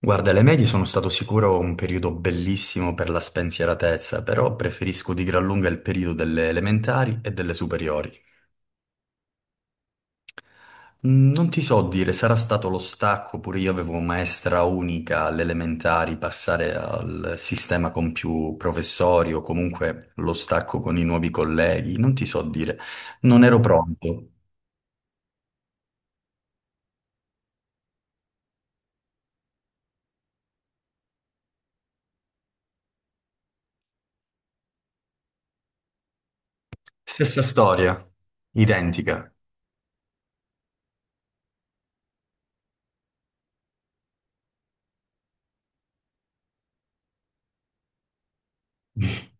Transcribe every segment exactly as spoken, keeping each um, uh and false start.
Guarda, le medie sono stato sicuro un periodo bellissimo per la spensieratezza, però preferisco di gran lunga il periodo delle elementari e delle superiori. Mm, Non ti so dire, sarà stato lo stacco, pure io avevo maestra unica alle elementari, passare al sistema con più professori o comunque lo stacco con i nuovi colleghi, non ti so dire. Non ero pronto. Stessa storia, identica.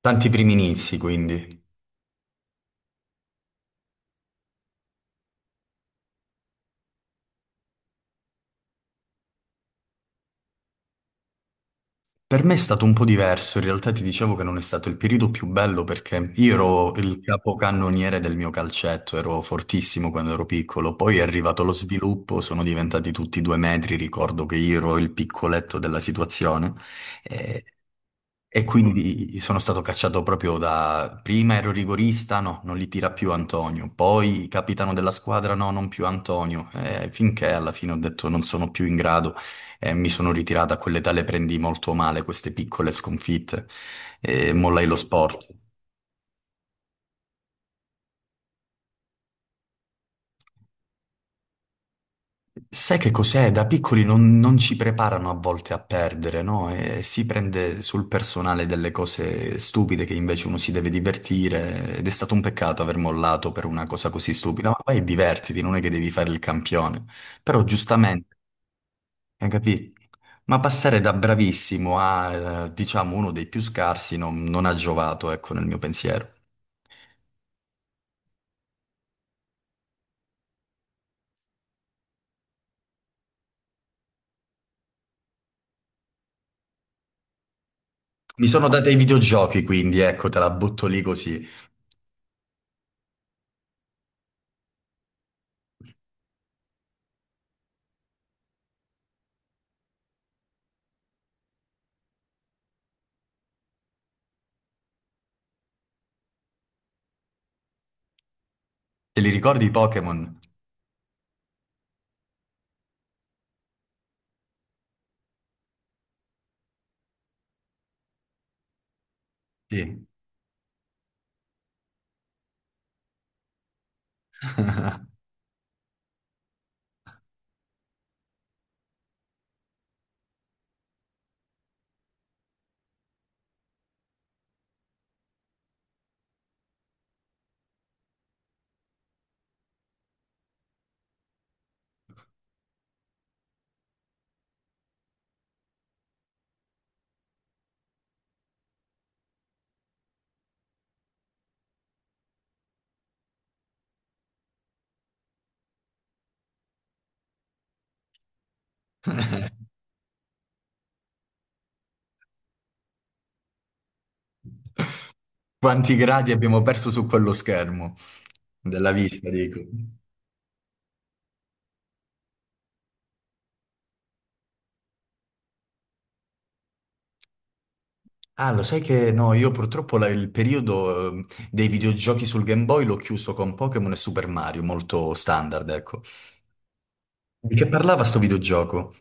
Tanti primi inizi, quindi. Per me è stato un po' diverso, in realtà ti dicevo che non è stato il periodo più bello perché io Mm. ero il capocannoniere del mio calcetto, ero fortissimo quando ero piccolo, poi è arrivato lo sviluppo, sono diventati tutti due metri, ricordo che io ero il piccoletto della situazione e quindi sono stato cacciato proprio da... Prima ero rigorista, no, non li tira più Antonio. Poi capitano della squadra, no, non più Antonio. Eh, finché alla fine ho detto non sono più in grado e mi sono ritirato. A quell'età le prendi molto male queste piccole sconfitte e mollai lo sport. Sai che cos'è? Da piccoli non, non ci preparano a volte a perdere, no? E si prende sul personale delle cose stupide che invece uno si deve divertire ed è stato un peccato aver mollato per una cosa così stupida, ma vai e divertiti, non è che devi fare il campione. Però giustamente, hai capito? Ma passare da bravissimo a, eh, diciamo, uno dei più scarsi non, non ha giovato, ecco, nel mio pensiero. Mi sono dato i videogiochi, quindi, ecco, te la butto lì così. Te li ricordi i Pokémon? Sì. Quanti gradi abbiamo perso su quello schermo della vista, dico. Ah, lo sai che no, io purtroppo la- il periodo eh, dei videogiochi sul Game Boy l'ho chiuso con Pokémon e Super Mario, molto standard, ecco. Di che parlava sto videogioco?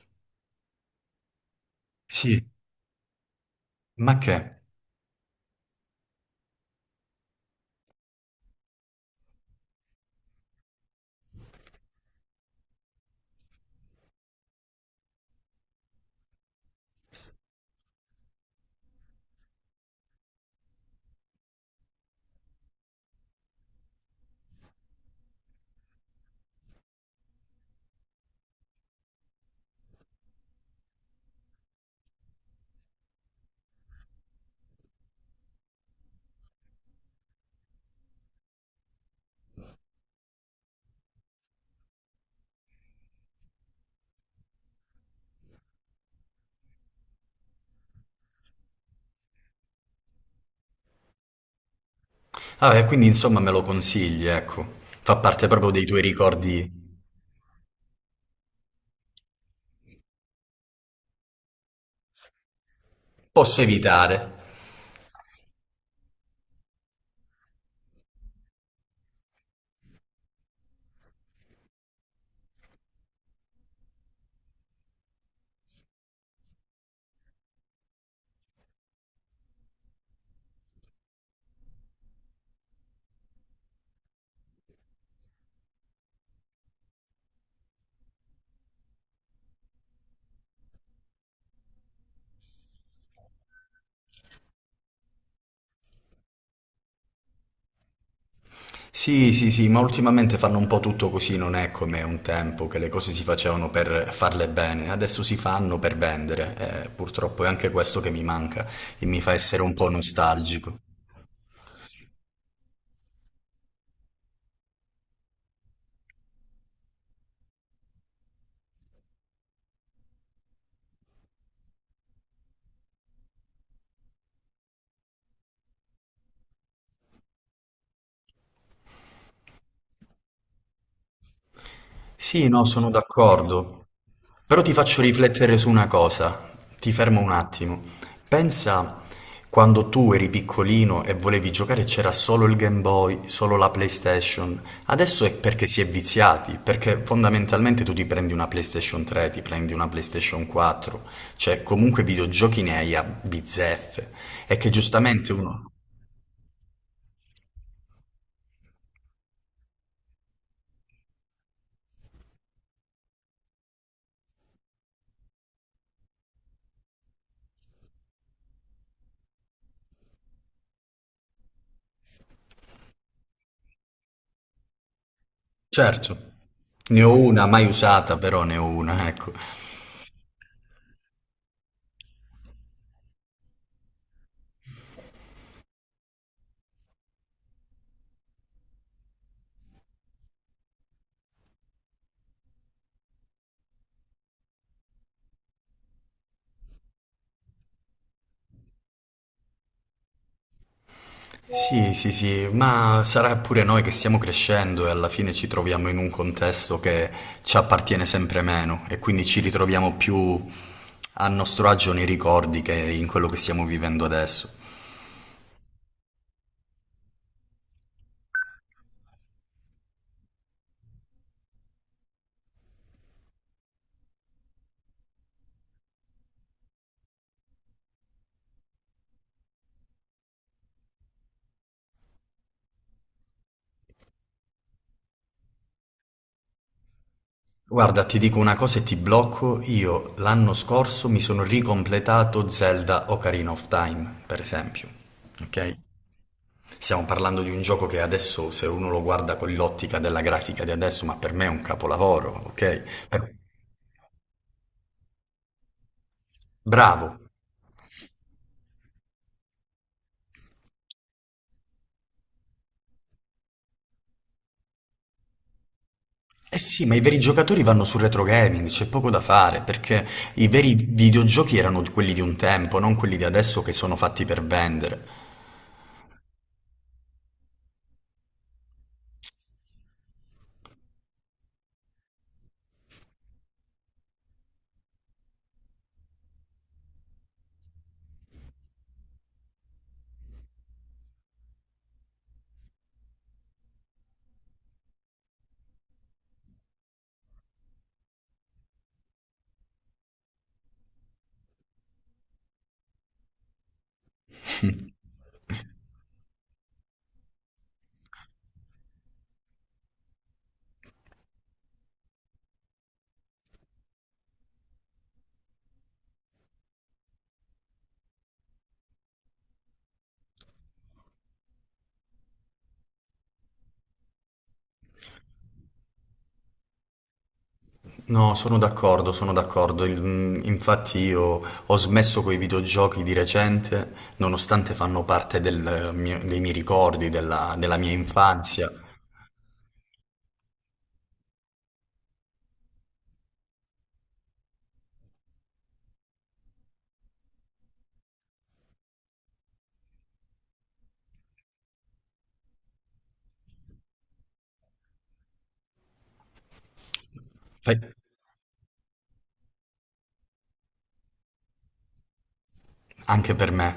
Sì, ma che? Vabbè, quindi insomma me lo consigli, ecco. Fa parte proprio dei tuoi ricordi. Posso evitare. Sì, sì, sì, ma ultimamente fanno un po' tutto così, non è come un tempo che le cose si facevano per farle bene, adesso si fanno per vendere. Eh, purtroppo è anche questo che mi manca e mi fa essere un po' nostalgico. Sì, no, sono d'accordo. Però ti faccio riflettere su una cosa. Ti fermo un attimo. Pensa quando tu eri piccolino e volevi giocare e c'era solo il Game Boy, solo la PlayStation. Adesso è perché si è viziati, perché fondamentalmente tu ti prendi una PlayStation tre, ti prendi una PlayStation quattro, cioè comunque videogiochi ne hai a bizzeffe. È che giustamente uno... Certo. Ne ho una, mai usata, però ne ho una, ecco. Sì, sì, sì, ma sarà pure noi che stiamo crescendo e alla fine ci troviamo in un contesto che ci appartiene sempre meno e quindi ci ritroviamo più a nostro agio nei ricordi che in quello che stiamo vivendo adesso. Guarda, ti dico una cosa e ti blocco, io l'anno scorso mi sono ricompletato Zelda Ocarina of Time, per esempio, ok? Stiamo parlando di un gioco che adesso, se uno lo guarda con l'ottica della grafica di adesso, ma per me è un capolavoro, ok? Per- Bravo. Eh sì, ma i veri giocatori vanno sul retro gaming, c'è poco da fare, perché i veri videogiochi erano di- quelli di un tempo, non quelli di adesso che sono fatti per vendere. No, sono d'accordo, sono d'accordo. Il- mm, Infatti io ho smesso con i videogiochi di recente, nonostante fanno parte del eh, mio- dei miei ricordi, della, della mia infanzia. Fai- Anche per me.